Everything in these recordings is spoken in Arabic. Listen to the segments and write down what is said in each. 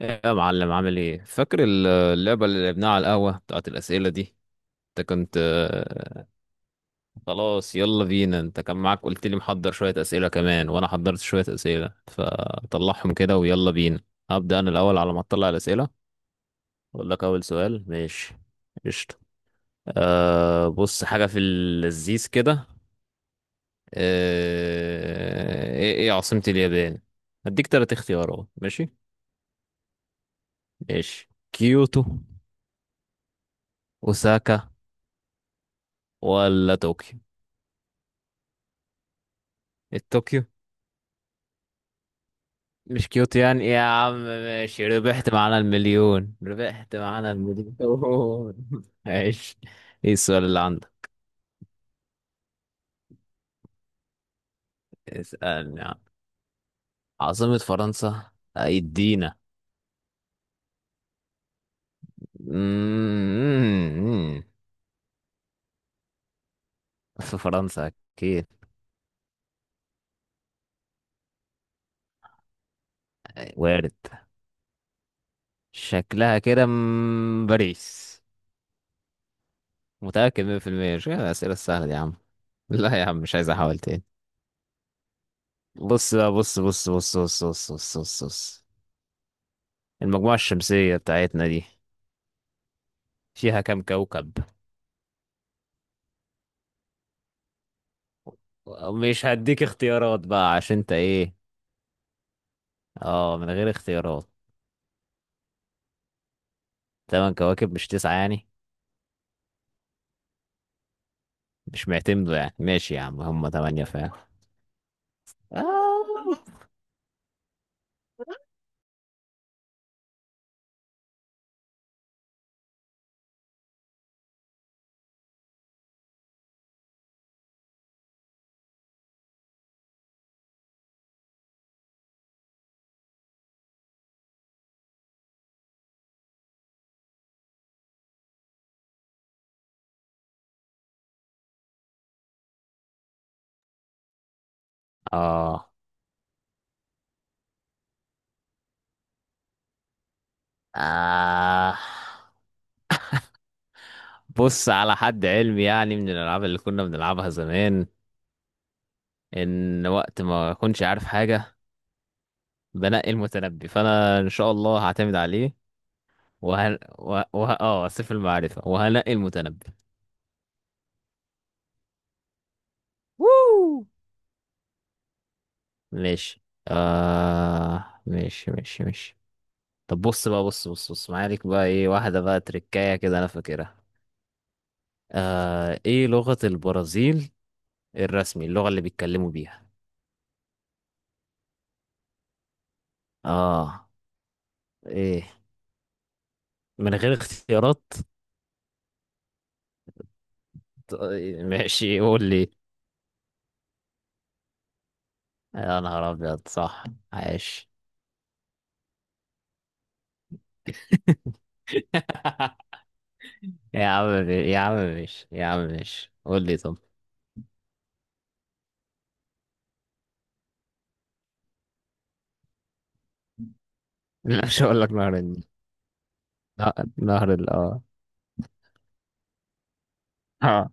ايه يا معلم، عامل ايه؟ فاكر اللعبة اللي لعبناها على القهوة بتاعت الأسئلة دي؟ انت كنت خلاص يلا بينا. انت كان معاك، قلت لي محضر شوية أسئلة كمان وانا حضرت شوية أسئلة، فطلعهم كده ويلا بينا. هبدأ انا الأول على ما اطلع الأسئلة. اقول لك اول سؤال. ماشي، قشطة. أه بص، حاجة في اللذيذ كده. أه ايه عاصمة اليابان؟ هديك تلات اختيارات. ماشي. ماشي، كيوتو؟ اوساكا؟ ولا طوكيو؟ طوكيو، مش كيوتو يعني يا عم. ماشي، ربحت معانا المليون، ربحت معانا المليون. ماشي. ايه السؤال اللي عندك؟ اسألني عن عاصمة فرنسا. ايدينا. مم. في فرنسا؟ اكيد. وارد. شكلها كده باريس. متأكد 100%. مش كده الأسئلة السهلة دي يا عم. لا يا عم، مش عايز احاول تاني. بص بقى، بص بص بص بص بص بص بص، بص. المجموعة الشمسية بتاعتنا دي فيها كام كوكب؟ مش هديك اختيارات بقى عشان انت ايه. اه، من غير اختيارات. تمن كواكب، مش تسعة يعني؟ مش معتمدوا يعني؟ ماشي يا عم، هم تمانية فعلا. اه، اه. آه بص، على حد علمي يعني، من الالعاب اللي كنا بنلعبها زمان، ان وقت ما اكونش عارف حاجه بنقي المتنبي، فانا ان شاء الله هعتمد عليه. وه... وه... وه... اه سيف المعرفه، وهنقي المتنبي. ووو ماشي. آه ماشي ماشي ماشي. طب بص بقى، بص بص بص. معايا ليك بقى ايه، واحدة بقى تركاية كده انا فاكرها. آه، ايه لغة البرازيل الرسمي، اللغة اللي بيتكلموا بيها؟ اه ايه، من غير اختيارات؟ طيب، ماشي قول لي. يا نهار ابيض، صح! عاش. يا عم ماشي، يا عم ماشي، قول لي طب. مش هقول لك نهر النيل. نهر ال اه.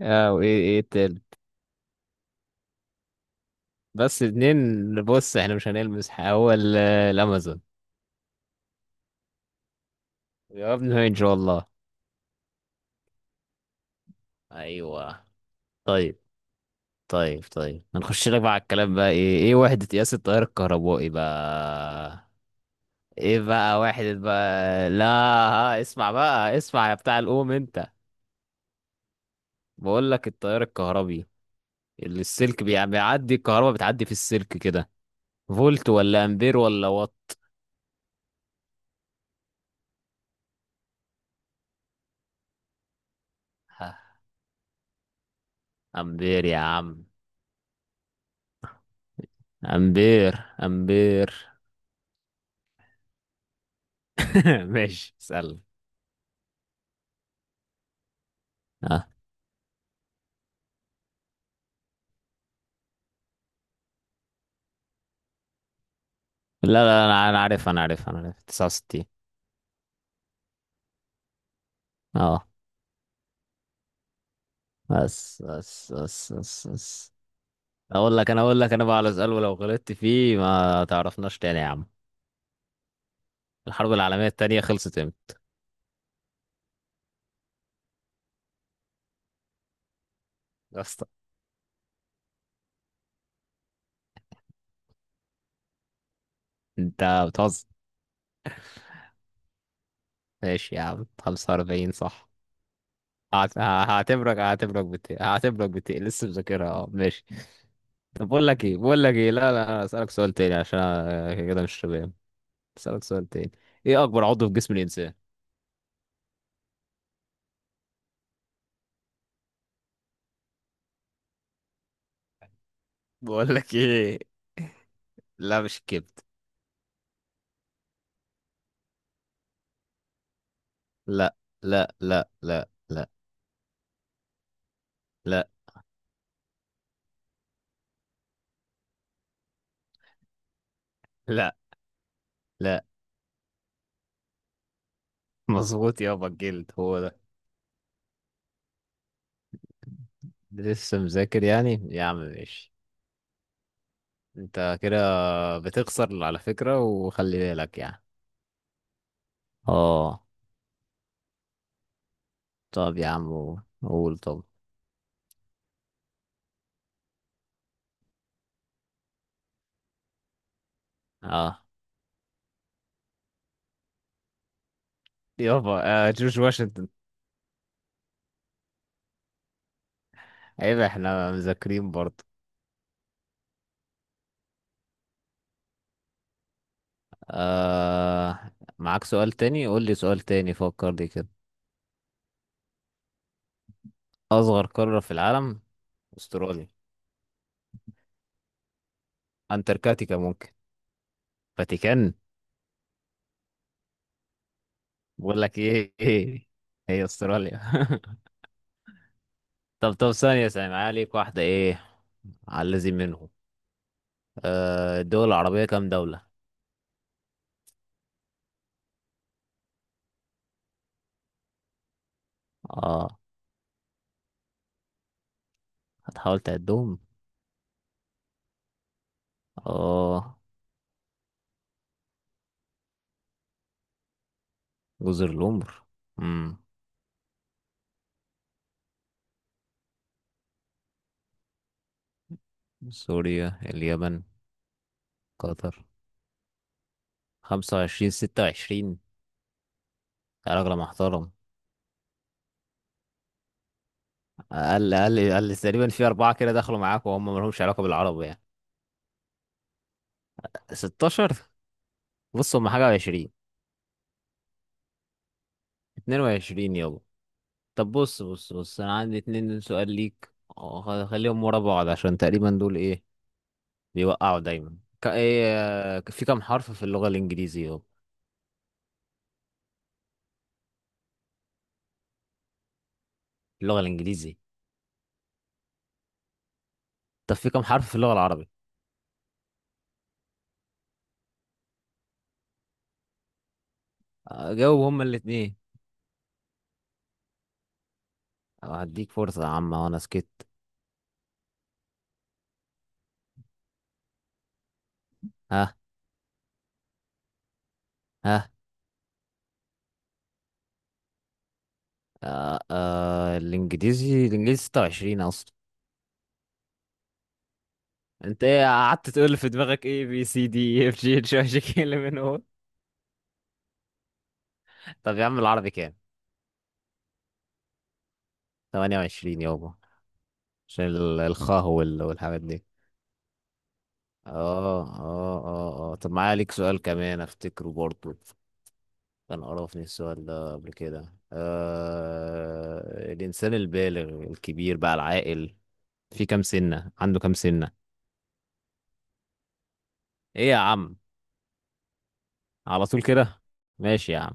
آه، وايه ايه؟ بس اتنين، بص احنا مش هنلمس حاجة. هو الامازون. جوابنا ان شاء الله. ايوه. طيب طيب طيب، هنخش لك بقى على الكلام بقى. ايه ايه وحدة قياس التيار الكهربائي بقى؟ ايه بقى وحدة بقى، لا. ها اسمع بقى، اسمع يا بتاع الام انت. بقول لك التيار الكهربي، اللي السلك بيعدي الكهرباء، بتعدي في السلك كده. فولت ولا امبير ولا وات؟ ها، امبير يا عم. امبير. امبير. ماشي، اسأل. لا لا، انا عارف، انا عارف، انا عارف 69. اه. بس بس بس بس بس. اقول لك انا بقى على سؤال، ولو غلطت فيه ما تعرفناش تاني يا عم. الحرب العالمية التانية خلصت امتى؟ يا اسطى، انت بتهزر. ماشي يا عم، 45 صح. هعت- ه- هعتبرك بت لسه مذاكرها. اه ماشي. طب بقول لك ايه، بقول لك ايه، لا لا، أنا اسالك سؤال تاني عشان أنا كده مش شباب. اسالك سؤال تاني. ايه اكبر عضو في جسم الانسان؟ بقول لك ايه، لا مش كده. لا لا لا لا لا لا لا لا. مظبوط يابا، الجلد هو ده. لسه مذاكر يعني؟ يا عم ماشي. انت كده بتخسر على فكرة، وخلي بالك يعني. اه. طب يا عم قول. طب اه يابا. آه، جورج واشنطن. عيب، احنا مذاكرين برضه. آه، معاك سؤال تاني. قول لي سؤال تاني، فكر لي كده. اصغر قارة في العالم؟ استراليا. انتاركتيكا ممكن. فاتيكان. بقول لك ايه، ايه، هي استراليا. طب طب، ثانية ثانية، معايا ليك واحدة ايه، على الذي منهم. آه، الدول العربية كام دولة؟ اه، هتحاول تعدهم. اه. جزر القمر. امم. سوريا اليمن. قطر. 25 26 يا راجل محترم. أقل، أقل، أقل، تقريبا في أربعة كده دخلوا معاك وهم ملهمش علاقة بالعرب يعني. 16. بص، هم حاجة وعشرين. 22 يابا. طب بص بص بص، انا عندي اتنين سؤال ليك. اه، خليهم ورا بعض عشان تقريبا دول ايه، بيوقعوا دايما ك... ايه. آه، في كام حرف في اللغة الانجليزية اهو؟ اللغة الانجليزي. طب في كام حرف في اللغة العربي؟ اه، جاوب هما الاتنين. اه، هديك فرصة يا عم وانا سكت. ها. ها. آه آه، الانجليزي 26 اصلا. انت ايه قعدت تقول في دماغك، ايه بي سي دي اف جي اتش اي جي كي ال، من هو. طب يا عم، العربي كام؟ 28 يابا. عشان الخاء والحاجات دي. اه اه طب معايا ليك سؤال كمان افتكره برضه. كان قرفني السؤال ده قبل كده. آه، الانسان البالغ، الكبير بقى، العاقل، في كام سنة، عنده كام سنة؟ ايه يا عم، على طول كده. ماشي يا عم.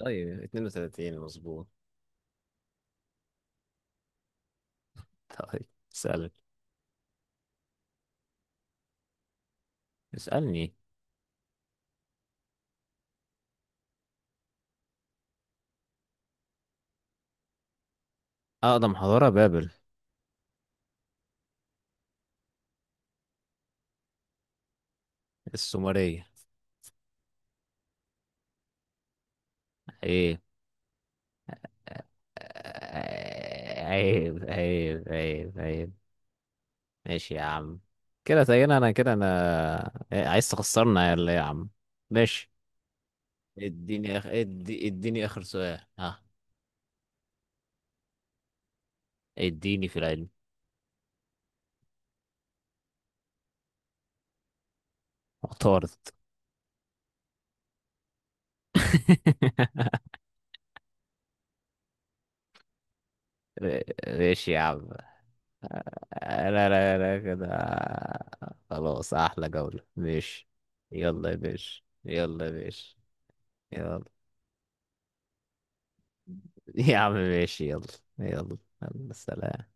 طيب 32 مظبوط. طيب اسألك. اسألني. اقدم حضارة، بابل. السومرية. ايه. آه، عيب عيب عيب عيب. ماشي يا عم. كده تقريبا انا كده انا عايز تخسرنا يا اللي يا عم. ماشي. اديني اخر سؤال. ها. اديني في العلم. اختارت. ماشي يا عم. آه، لا لا لا كده. خلاص احلى جولة، ماشي. يلا يا باشا، يلا يا باشا. يلا. يا عم ماشي، يلا. يلا. يلا سلام.